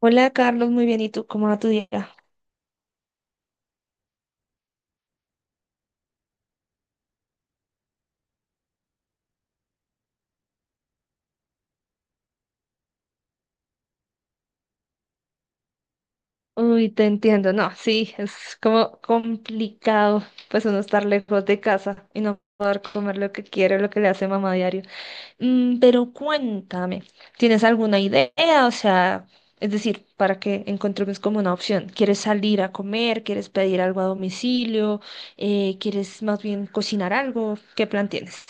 Hola Carlos, muy bien. ¿Y tú cómo va tu día? Uy, te entiendo. No, sí, es como complicado pues uno estar lejos de casa y no poder comer lo que quiere, lo que le hace mamá diario. Mm, pero cuéntame, ¿tienes alguna idea? O sea, es decir, para que encontremos como una opción. ¿Quieres salir a comer? ¿Quieres pedir algo a domicilio? ¿Quieres más bien cocinar algo? ¿Qué plan tienes?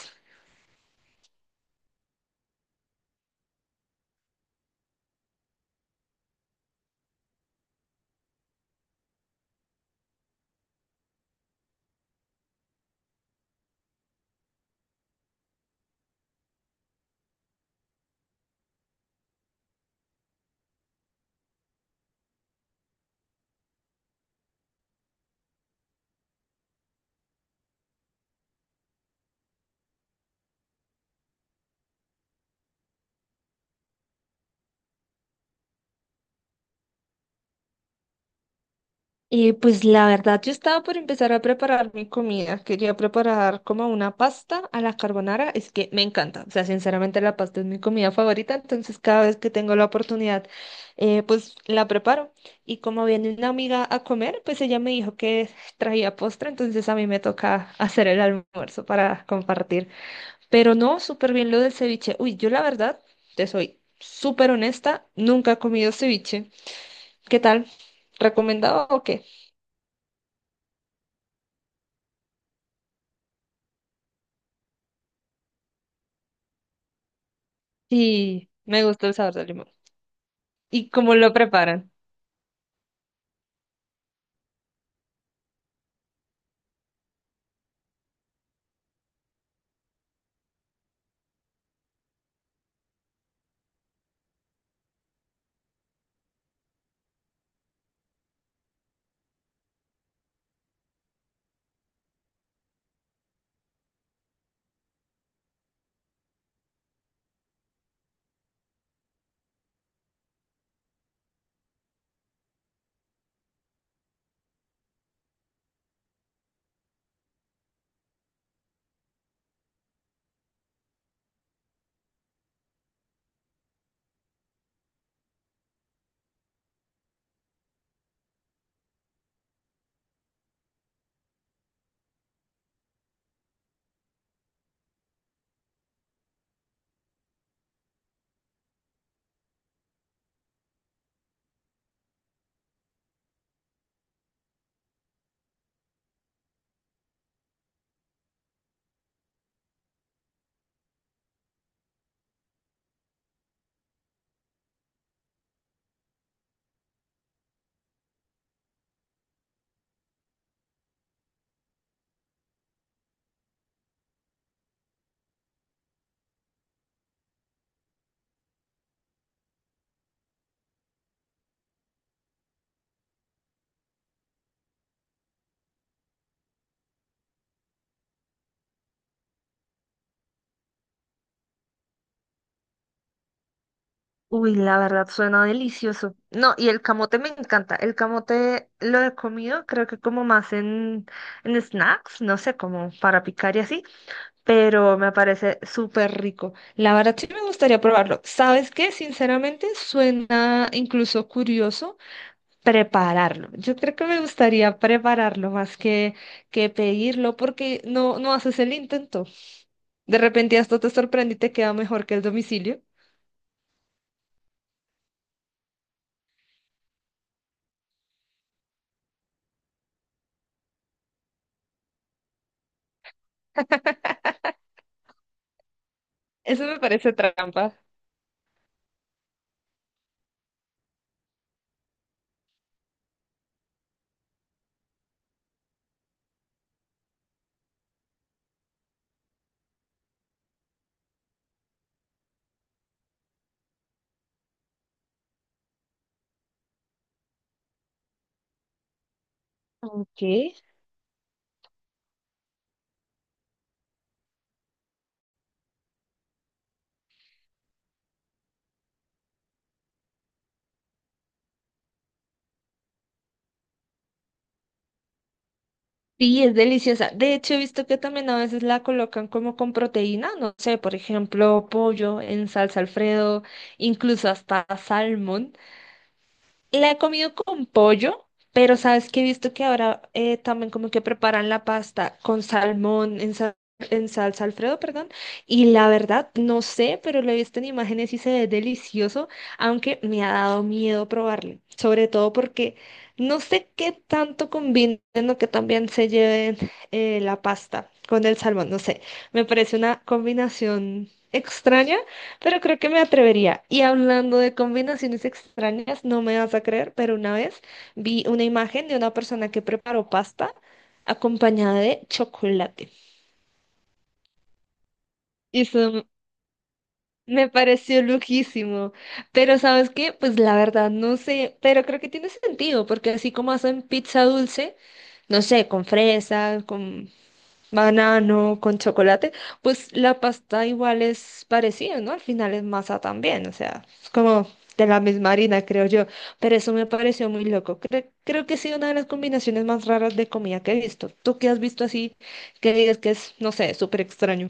Pues la verdad, yo estaba por empezar a preparar mi comida. Quería preparar como una pasta a la carbonara. Es que me encanta. O sea, sinceramente la pasta es mi comida favorita. Entonces cada vez que tengo la oportunidad, pues la preparo. Y como viene una amiga a comer, pues ella me dijo que traía postre. Entonces a mí me toca hacer el almuerzo para compartir. Pero no, súper bien lo del ceviche. Uy, yo la verdad, te soy súper honesta. Nunca he comido ceviche. ¿Qué tal? ¿Recomendado o qué? Sí, me gusta el sabor del limón. ¿Y cómo lo preparan? Uy, la verdad suena delicioso. No, y el camote me encanta. El camote lo he comido, creo que como más en snacks, no sé, como para picar y así, pero me parece súper rico. La verdad sí me gustaría probarlo. ¿Sabes qué? Sinceramente suena incluso curioso prepararlo. Yo creo que me gustaría prepararlo más que pedirlo porque no, no haces el intento. De repente hasta te sorprende y te queda mejor que el domicilio. Eso me parece trampa. Ok. Sí, es deliciosa. De hecho, he visto que también a veces la colocan como con proteína, no sé, por ejemplo, pollo en salsa Alfredo, incluso hasta salmón. La he comido con pollo, pero sabes que he visto que ahora también como que preparan la pasta con salmón en salsa Alfredo, perdón. Y la verdad, no sé, pero lo he visto en imágenes y se ve delicioso, aunque me ha dado miedo probarlo. Sobre todo porque no sé qué tanto combinen o que también se lleven la pasta con el salmón. No sé, me parece una combinación extraña. Pero creo que me atrevería. Y hablando de combinaciones extrañas, no me vas a creer, pero una vez vi una imagen de una persona que preparó pasta acompañada de chocolate. Y eso me pareció loquísimo. Pero ¿sabes qué? Pues la verdad no sé, pero creo que tiene sentido, porque así como hacen pizza dulce, no sé, con fresa, con banano con chocolate, pues la pasta igual es parecida, ¿no? Al final es masa también, o sea, es como de la misma harina, creo yo. Pero eso me pareció muy loco. Creo que sí, una de las combinaciones más raras de comida que he visto. ¿Tú qué has visto así que digas que es, no sé, súper extraño?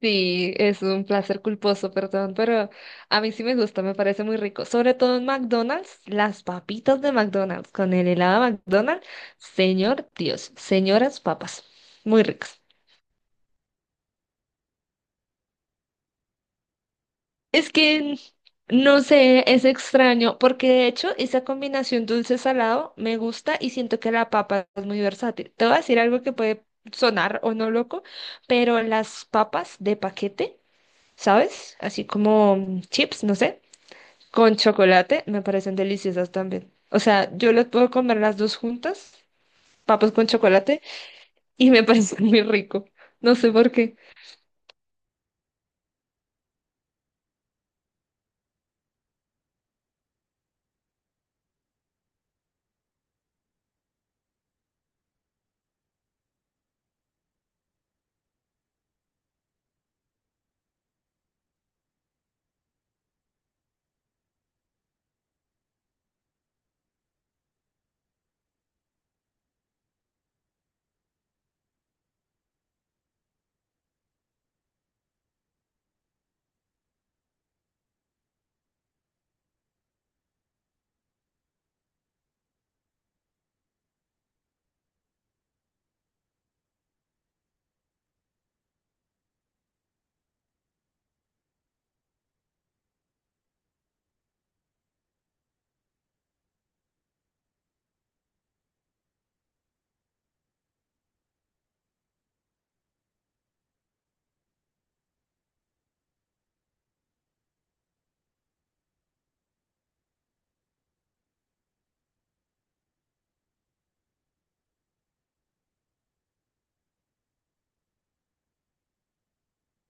Sí, es un placer culposo, perdón, pero a mí sí me gusta, me parece muy rico. Sobre todo en McDonald's, las papitas de McDonald's con el helado de McDonald's, señor Dios, señoras papas, muy ricas. Es que no sé, es extraño, porque de hecho esa combinación dulce-salado me gusta y siento que la papa es muy versátil. Te voy a decir algo que puede sonar o no loco, pero las papas de paquete, ¿sabes? Así como chips, no sé, con chocolate, me parecen deliciosas también. O sea, yo las puedo comer las dos juntas, papas con chocolate, y me parece muy rico. No sé por qué.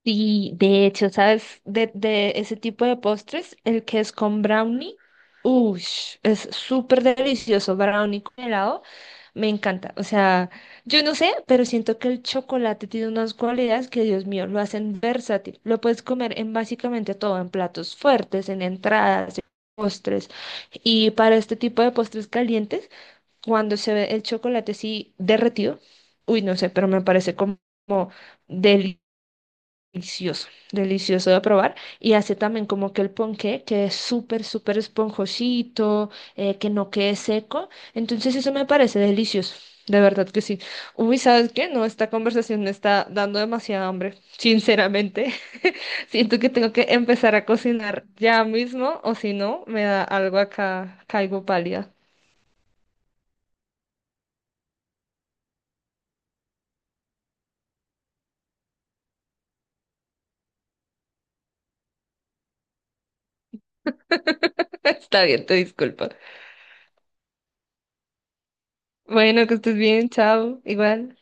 Sí, de hecho, ¿sabes? De ese tipo de postres, el que es con brownie, uff, es súper delicioso, brownie con helado, me encanta. O sea, yo no sé, pero siento que el chocolate tiene unas cualidades que, Dios mío, lo hacen versátil. Lo puedes comer en básicamente todo, en platos fuertes, en entradas, en postres. Y para este tipo de postres calientes, cuando se ve el chocolate así derretido, uy, no sé, pero me parece como... delicioso, delicioso de probar. Y hace también como que el ponqué, que es súper, súper esponjosito, que no quede seco. Entonces eso me parece delicioso, de verdad que sí. Uy, ¿sabes qué? No, esta conversación me está dando demasiada hambre, sinceramente. Siento que tengo que empezar a cocinar ya mismo, o si no, me da algo acá, caigo pálida. Está bien, te disculpo. Bueno, que estés bien, chao, igual.